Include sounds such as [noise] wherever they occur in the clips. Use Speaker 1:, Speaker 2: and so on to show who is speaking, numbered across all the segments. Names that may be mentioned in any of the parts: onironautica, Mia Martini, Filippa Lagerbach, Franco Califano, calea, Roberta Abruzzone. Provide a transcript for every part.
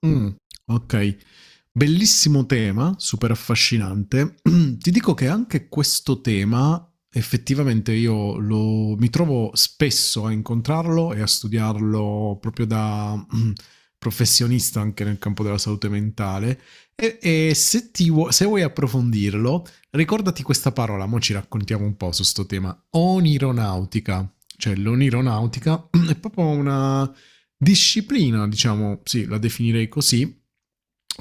Speaker 1: Mh, okay. Bellissimo tema, super affascinante. [clears throat] Ti dico che anche questo tema effettivamente io lo mi trovo spesso a incontrarlo e a studiarlo proprio da, professionista anche nel campo della salute mentale e se vuoi approfondirlo, ricordati questa parola, mo' ci raccontiamo un po' su 'sto tema: onironautica. Cioè l'onironautica [clears throat] è proprio una disciplina, diciamo, sì, la definirei così,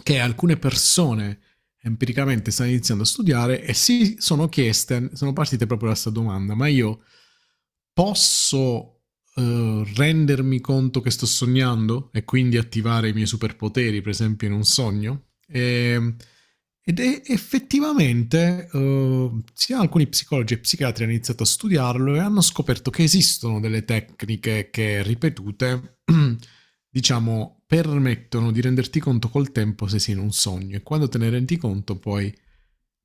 Speaker 1: che alcune persone empiricamente stanno iniziando a studiare e si sono chieste, sono partite proprio da questa domanda, ma io posso rendermi conto che sto sognando e quindi attivare i miei superpoteri, per esempio, in un sogno? Ed è effettivamente sia alcuni psicologi e psichiatri hanno iniziato a studiarlo e hanno scoperto che esistono delle tecniche che ripetute [clears throat] [coughs] diciamo, permettono di renderti conto col tempo se sei in un sogno e quando te ne rendi conto puoi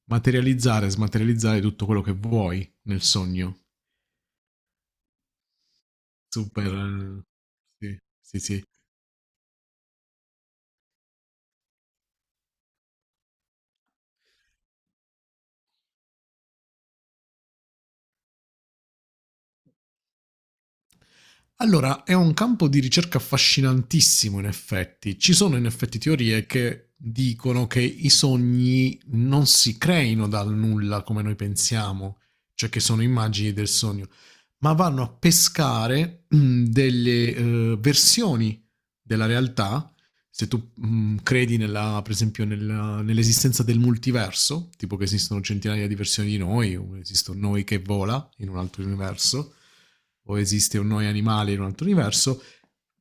Speaker 1: materializzare e smaterializzare tutto quello che vuoi nel sogno. Super. Sì, sì, sì. Allora, è un campo di ricerca affascinantissimo in effetti. Ci sono in effetti teorie che dicono che i sogni non si creino dal nulla come noi pensiamo, cioè che sono immagini del sogno, ma vanno a pescare delle versioni della realtà se tu credi nella, per esempio nell'esistenza del multiverso, tipo che esistono centinaia di versioni di noi, o esiste un noi che vola in un altro universo, o esiste un noi animale in un altro universo,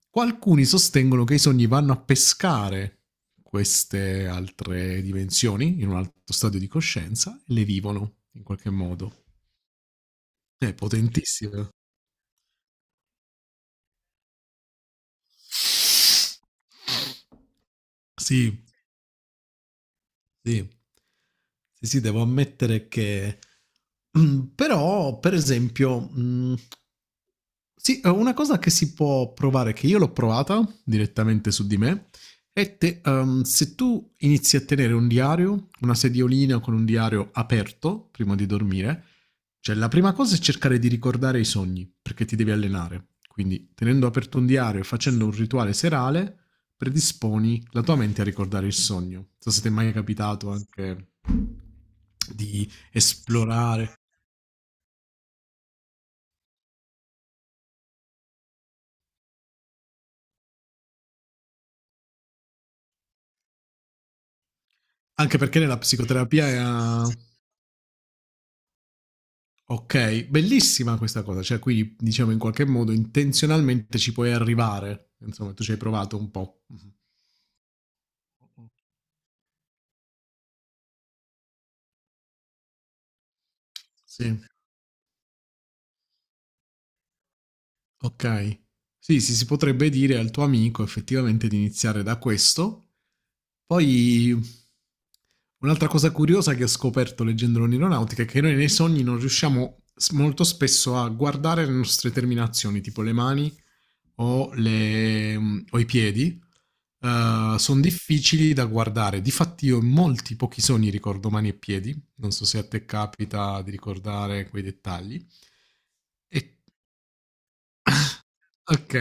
Speaker 1: qualcuni sostengono che i sogni vanno a pescare queste altre dimensioni in un altro stadio di coscienza e le vivono in qualche modo. È potentissimo. Sì, sì. Sì, sì, devo ammettere che [clears throat] però per esempio, sì, una cosa che si può provare, che io l'ho provata direttamente su di me, è te se tu inizi a tenere un diario, una sediolina con un diario aperto prima di dormire, cioè la prima cosa è cercare di ricordare i sogni, perché ti devi allenare. Quindi tenendo aperto un diario e facendo un rituale serale predisponi la tua mente a ricordare il sogno. Non so se ti è mai capitato anche di esplorare, anche perché nella psicoterapia è... ok, bellissima questa cosa, cioè qui diciamo in qualche modo intenzionalmente ci puoi arrivare, insomma tu ci hai provato un po'. Mhm. Sì. Okay. Sì, sì, si potrebbe dire al tuo amico effettivamente di iniziare da questo. Poi un'altra cosa curiosa che ho scoperto leggendo l'onironautica è che noi nei sogni non riusciamo molto spesso a guardare le nostre terminazioni, tipo le mani o, o i piedi sono difficili da guardare. Difatti, io in molti pochi sogni ricordo mani e piedi. Non so se a te capita di ricordare quei dettagli. E- ok,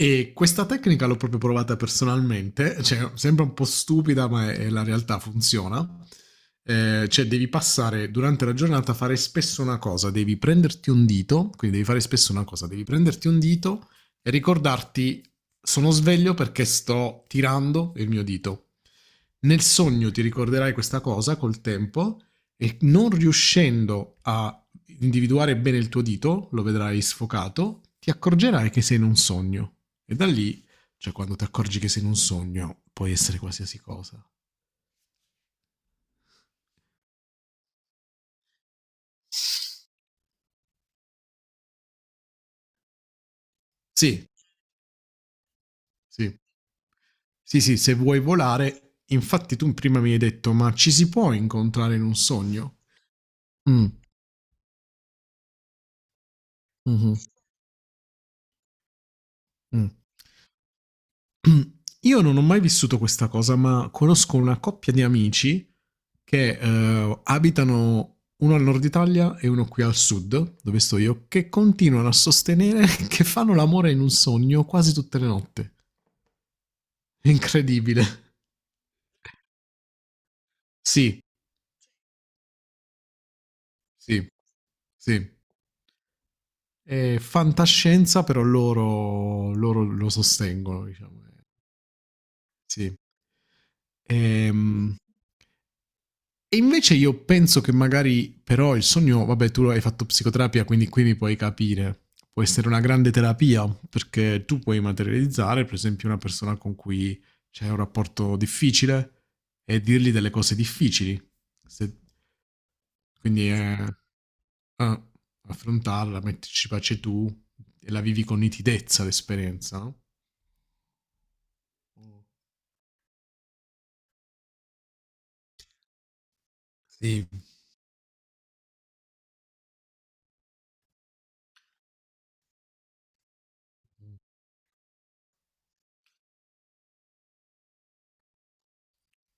Speaker 1: e questa tecnica l'ho proprio provata personalmente, cioè sembra un po' stupida, ma è la realtà funziona. Cioè devi passare durante la giornata a fare spesso una cosa, devi prenderti un dito, quindi devi fare spesso una cosa, devi prenderti un dito e ricordarti sono sveglio perché sto tirando il mio dito. Nel sogno ti ricorderai questa cosa col tempo e non riuscendo a individuare bene il tuo dito, lo vedrai sfocato, ti accorgerai che sei in un sogno. E da lì, cioè quando ti accorgi che sei in un sogno, puoi essere qualsiasi cosa. Sì, sì. Sì, sì, se vuoi volare, infatti tu prima mi hai detto, ma ci si può incontrare in un sogno? Mm, mhm, mm. [clears throat] Io non ho mai vissuto questa cosa, ma conosco una coppia di amici che abitano uno al nord Italia e uno qui al sud, dove sto io, che continuano a sostenere [laughs] che fanno l'amore in un sogno quasi tutte le notti. È incredibile. Sì, sì, sì. È fantascienza, però loro lo sostengono, diciamo. Sì. Ehm, E invece io penso che magari però il sogno, vabbè tu hai fatto psicoterapia, quindi qui mi puoi capire, può essere una grande terapia, perché tu puoi materializzare per esempio una persona con cui c'è un rapporto difficile e dirgli delle cose difficili. Se- quindi ah, affrontarla, metterci pace tu e la vivi con nitidezza l'esperienza, no? Sì,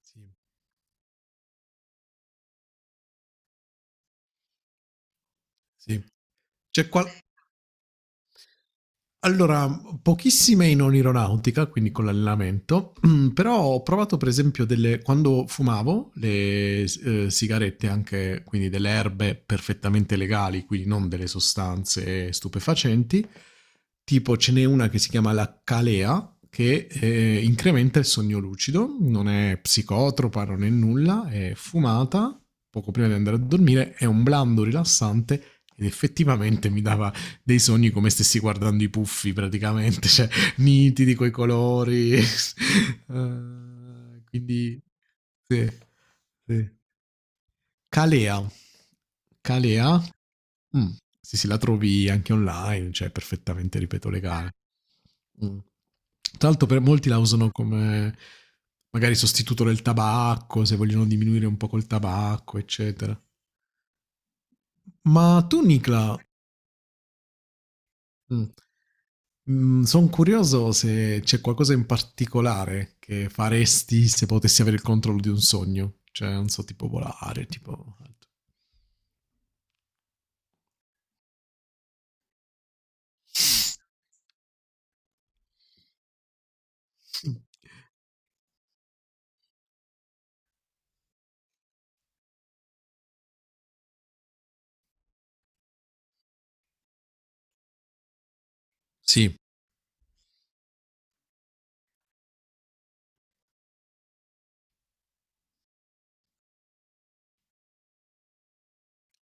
Speaker 1: sì, sì. C'è qual- Allora, pochissime in aeronautica, quindi con l'allenamento, però ho provato per esempio delle, quando fumavo le sigarette, anche quindi delle erbe perfettamente legali, quindi non delle sostanze stupefacenti, tipo ce n'è una che si chiama la calea, che incrementa il sogno lucido, non è psicotropa, non è nulla, è fumata poco prima di andare a dormire, è un blando rilassante ed effettivamente mi dava dei sogni come stessi guardando i puffi praticamente, cioè nitidi coi colori. [laughs] Quindi sì, sì. Calea. Calea. Mm, sì, sì, la trovi anche online, cioè perfettamente, ripeto, legale. Mm. Tra l'altro per molti la usano come magari sostituto del tabacco, se vogliono diminuire un po' col tabacco, eccetera. Ma tu, Nicla, mh. Mhmm, son curioso se c'è qualcosa in particolare che faresti se potessi avere il controllo di un sogno. Cioè, non so, tipo volare, tipo alt. Mh. Sì,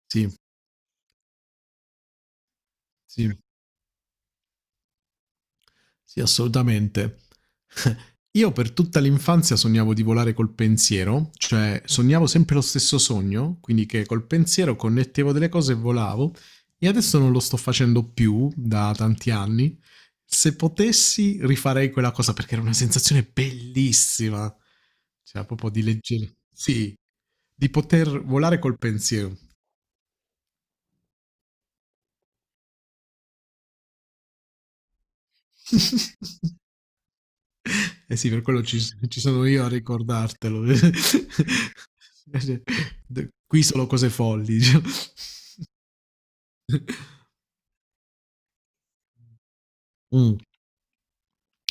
Speaker 1: sì, sì. Sì, assolutamente. [laughs] Io per tutta l'infanzia sognavo di volare col pensiero, cioè sognavo sempre lo stesso sogno, quindi che col pensiero connettevo delle cose e volavo, e adesso non lo sto facendo più da tanti anni. Se potessi rifarei quella cosa perché era una sensazione bellissima, cioè proprio di leggere, sì, di poter volare col pensiero. [laughs] [laughs] Eh sì, per quello ci sono io a ricordartelo. [laughs] Cioè, qui solo cose folli, diciamo. [laughs] Mm,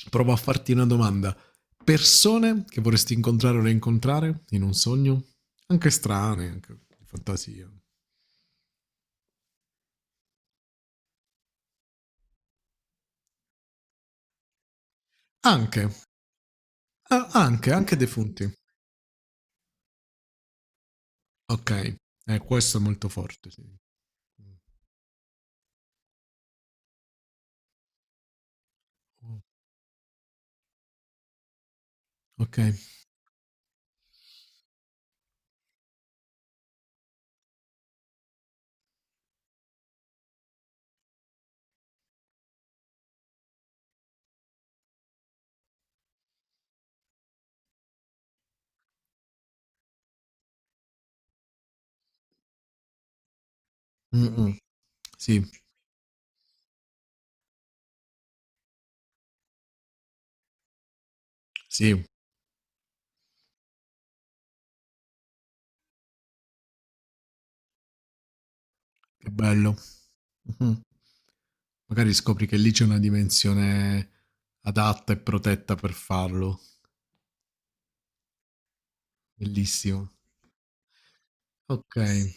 Speaker 1: provo a farti una domanda. Persone che vorresti incontrare o rincontrare in un sogno? Anche strane, anche di fantasia. Anche, anche, anche defunti. Ok, questo è molto forte. Sì. Ok. Mm-mm. Sì, sì, che bello. Mh-mh. Magari scopri che lì c'è una dimensione adatta e protetta per farlo. Bellissimo. Okay.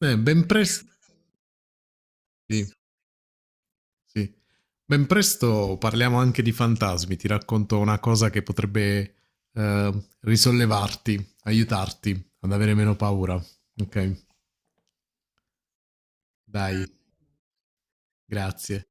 Speaker 1: Beh, ben pres sì, sì. Ben presto parliamo anche di fantasmi. Ti racconto una cosa che potrebbe, risollevarti, aiutarti ad avere meno paura. Okay? Dai, grazie.